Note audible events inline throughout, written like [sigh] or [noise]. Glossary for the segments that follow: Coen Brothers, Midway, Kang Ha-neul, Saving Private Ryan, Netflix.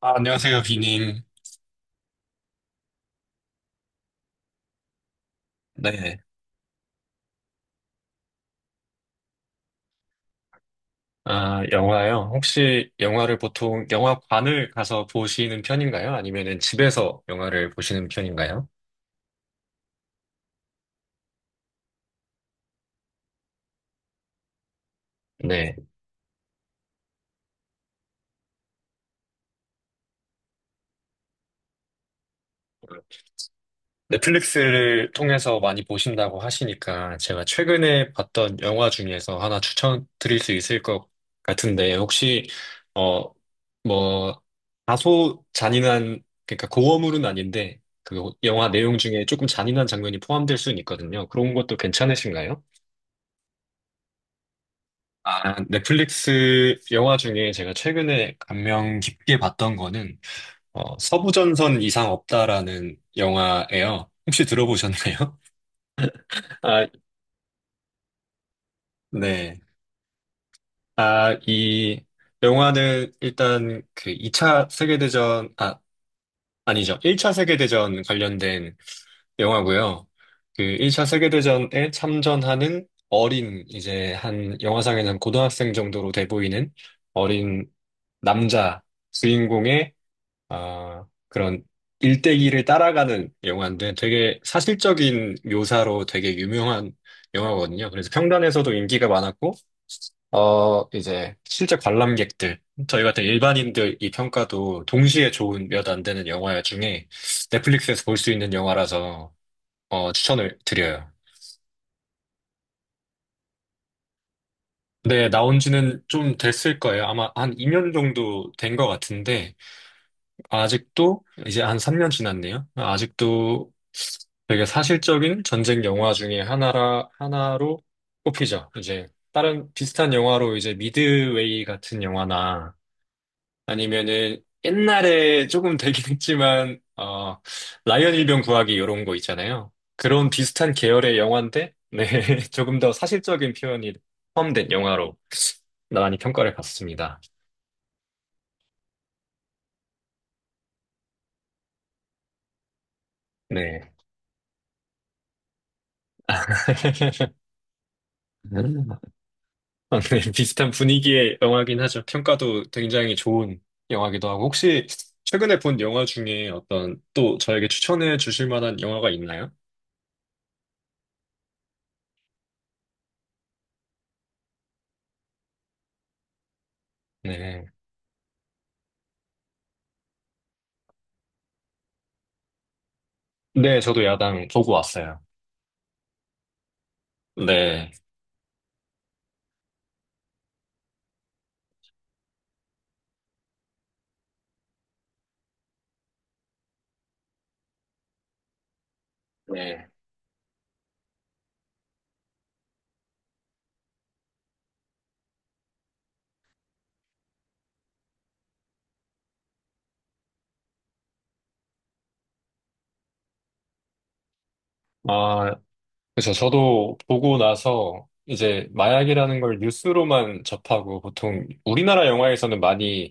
아, 안녕하세요, 비님. 네. 아, 영화요? 혹시 영화를 보통 영화관을 가서 보시는 편인가요? 아니면은 집에서 영화를 보시는 편인가요? 네. 넷플릭스를 통해서 많이 보신다고 하시니까 제가 최근에 봤던 영화 중에서 하나 추천드릴 수 있을 것 같은데 혹시 어, 뭐 다소 잔인한 그러니까 고어물은 아닌데 그 영화 내용 중에 조금 잔인한 장면이 포함될 수는 있거든요. 그런 것도 괜찮으신가요? 아, 넷플릭스 영화 중에 제가 최근에 감명 깊게 봤던 거는 서부전선 이상 없다라는 영화예요. 혹시 들어보셨나요? [laughs] 아, 네. 아, 이 영화는 일단 그 2차 세계대전, 아, 아니죠. 1차 세계대전 관련된 영화고요. 그 1차 세계대전에 참전하는 어린, 이제 한 영화상에는 고등학생 정도로 돼 보이는 어린 남자 주인공의 그런 일대기를 따라가는 영화인데 되게 사실적인 묘사로 되게 유명한 영화거든요. 그래서 평단에서도 인기가 많았고, 이제 실제 관람객들, 저희 같은 일반인들 이 평가도 동시에 좋은 몇 안 되는 영화 중에 넷플릭스에서 볼 수 있는 영화라서 추천을 드려요. 네, 나온 지는 좀 됐을 거예요. 아마 한 2년 정도 된 것 같은데, 아직도 이제 한 3년 지났네요. 아직도 되게 사실적인 전쟁 영화 중에 하나라 하나로 꼽히죠. 이제 다른 비슷한 영화로 이제 미드웨이 같은 영화나 아니면은 옛날에 조금 되긴 했지만 라이언 일병 구하기 이런 거 있잖아요. 그런 비슷한 계열의 영화인데 네 [laughs] 조금 더 사실적인 표현이 포함된 영화로 많이 평가를 받습니다. 네. [laughs] 아, 네, [laughs] 비슷한 분위기의 영화긴 하죠. 평가도 굉장히 좋은 영화기도 하고. 혹시 최근에 본 영화 중에 어떤 또 저에게 추천해 주실 만한 영화가 있나요? 네. 네, 저도 야당 보고 왔어요. 네. 네. 아, 그렇죠. 저도 보고 나서 이제 마약이라는 걸 뉴스로만 접하고 보통 우리나라 영화에서는 많이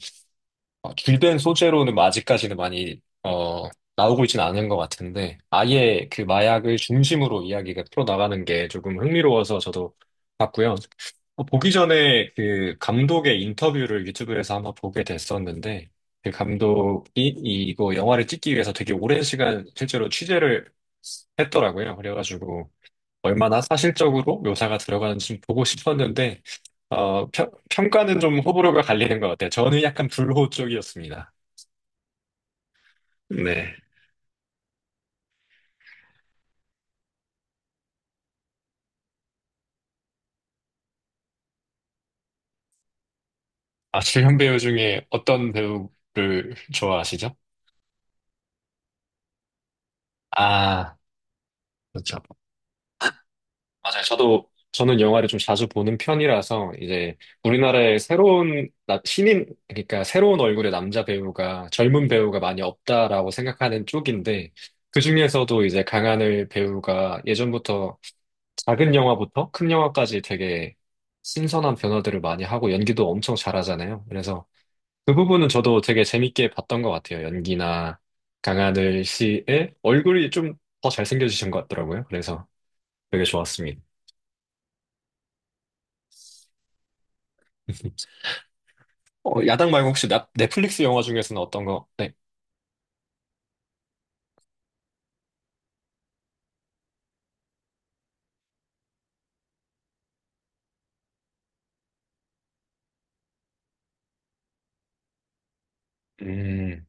줄된 소재로는 아직까지는 많이 나오고 있지는 않은 것 같은데 아예 그 마약을 중심으로 이야기가 풀어나가는 게 조금 흥미로워서 저도 봤고요. 보기 전에 그 감독의 인터뷰를 유튜브에서 한번 보게 됐었는데 그 감독이 이거 영화를 찍기 위해서 되게 오랜 시간 실제로 취재를 했더라고요. 그래가지고 얼마나 사실적으로 묘사가 들어가는지 좀 보고 싶었는데 평가는 좀 호불호가 갈리는 것 같아요. 저는 약간 불호 쪽이었습니다. 네. 아, 주연 배우 중에 어떤 배우를 좋아하시죠? 아, 그렇죠. 맞아요. 저는 영화를 좀 자주 보는 편이라서, 이제, 우리나라에 새로운, 신인, 그러니까 새로운 얼굴의 남자 배우가, 젊은 배우가 많이 없다라고 생각하는 쪽인데, 그중에서도 이제 강하늘 배우가 예전부터 작은 영화부터 큰 영화까지 되게 신선한 변화들을 많이 하고 연기도 엄청 잘하잖아요. 그래서 그 부분은 저도 되게 재밌게 봤던 것 같아요. 연기나 강하늘 씨의 얼굴이 좀 더 잘생겨지신 것 같더라고요. 그래서 되게 좋았습니다. 야당 말고 혹시 넷플릭스 영화 중에서는 어떤 거? 네. 음,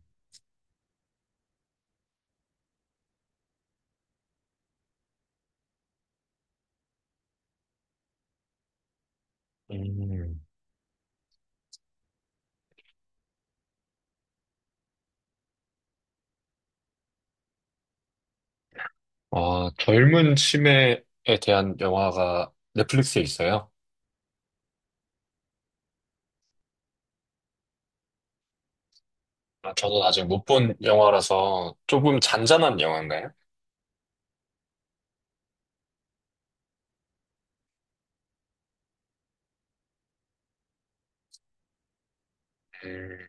음. 아, 젊은 치매에 대한 영화가 넷플릭스에 있어요? 아, 저는 아직 못 본 영화라서 조금 잔잔한 영화인가요? 음,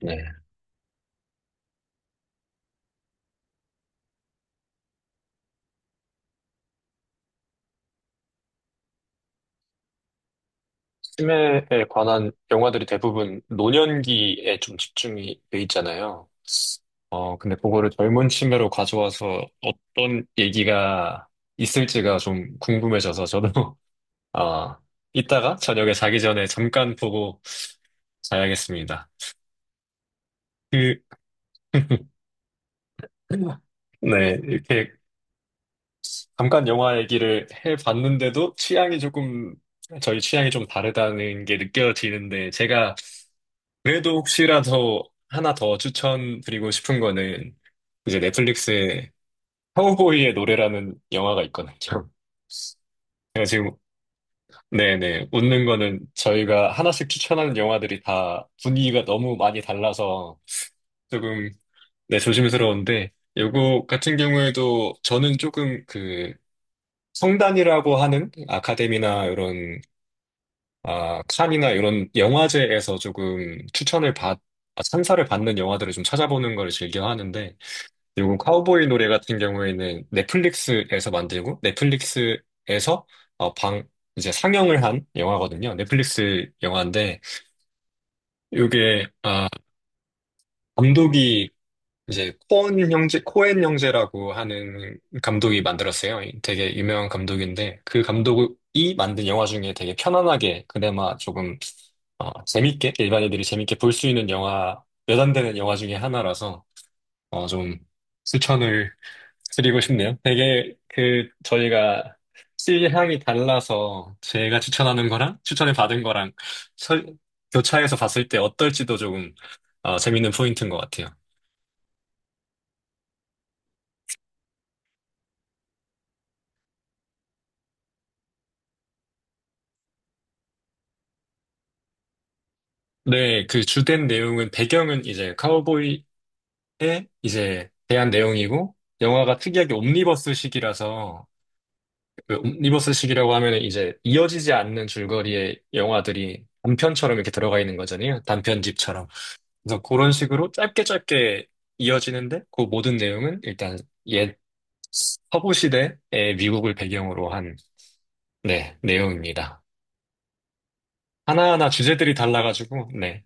네. 치매에 관한 영화들이 대부분 노년기에 좀 집중이 돼 있잖아요. 근데 그거를 젊은 치매로 가져와서 어떤 얘기가 있을지가 좀 궁금해져서 저도, [laughs] 아, 이따가 저녁에 자기 전에 잠깐 보고 자야겠습니다. 그, [laughs] 네, 이렇게 잠깐 영화 얘기를 해봤는데도 취향이 조금, 저희 취향이 좀 다르다는 게 느껴지는데, 제가 그래도 혹시라도 하나 더 추천드리고 싶은 거는, 이제 넷플릭스에 카우보이의 노래라는 영화가 있거든요. 제가 지금, 네네, 웃는 거는 저희가 하나씩 추천하는 영화들이 다 분위기가 너무 많이 달라서 조금, 네, 조심스러운데, 요거 같은 경우에도 저는 조금 그 성단이라고 하는 아카데미나 이런, 아, 칸이나 이런 영화제에서 조금 찬사를 받는 영화들을 좀 찾아보는 걸 즐겨 하는데, 그리고 카우보이 노래 같은 경우에는 넷플릭스에서 만들고 넷플릭스에서 어, 방 이제 상영을 한 영화거든요. 넷플릭스 영화인데 이게 아, 감독이 이제 코엔 형제라고 하는 감독이 만들었어요. 되게 유명한 감독인데 그 감독이 만든 영화 중에 되게 편안하게 그나마 조금 재밌게 일반인들이 재밌게 볼 수 있는 영화 몇 안 되는 영화 중에 하나라서 좀 추천을 드리고 싶네요. 되게 그 저희가 취향이 달라서 제가 추천하는 거랑 추천을 받은 거랑 설- 교차해서 봤을 때 어떨지도 조금 재밌는 포인트인 것 같아요. 네, 그 주된 내용은 배경은 이제 카우보이의 이제 대한 내용이고 영화가 특이하게 옴니버스식이라서 그 옴니버스식이라고 하면은 이제 이어지지 않는 줄거리의 영화들이 단편처럼 이렇게 들어가 있는 거잖아요. 단편집처럼. 그래서 그런 식으로 짧게 짧게 이어지는데 그 모든 내용은 일단 옛 서부 시대의 미국을 배경으로 한 네, 내용입니다. 하나하나 주제들이 달라가지고 네.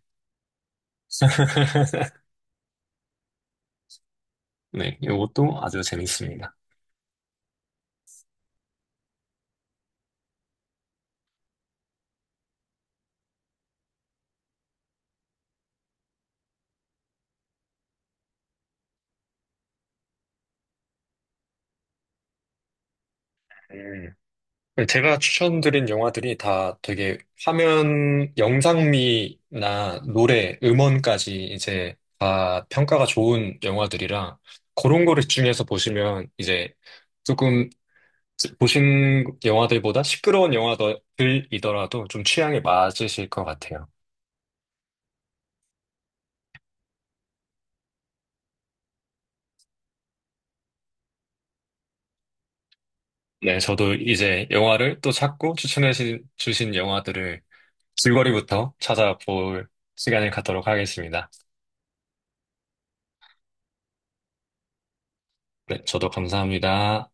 [laughs] 네, 이것도 아주 재밌습니다. 음. 제가 추천드린 영화들이 다 되게 화면, 영상미나 노래, 음원까지 이제 다 평가가 좋은 영화들이라 그런 거를 집중해서 보시면 이제 조금 보신 영화들보다 시끄러운 영화들이더라도 좀 취향에 맞으실 것 같아요. 네, 저도 이제 영화를 또 찾고 추천해 주신 영화들을 줄거리부터 찾아볼 시간을 갖도록 하겠습니다. 네, 저도 감사합니다.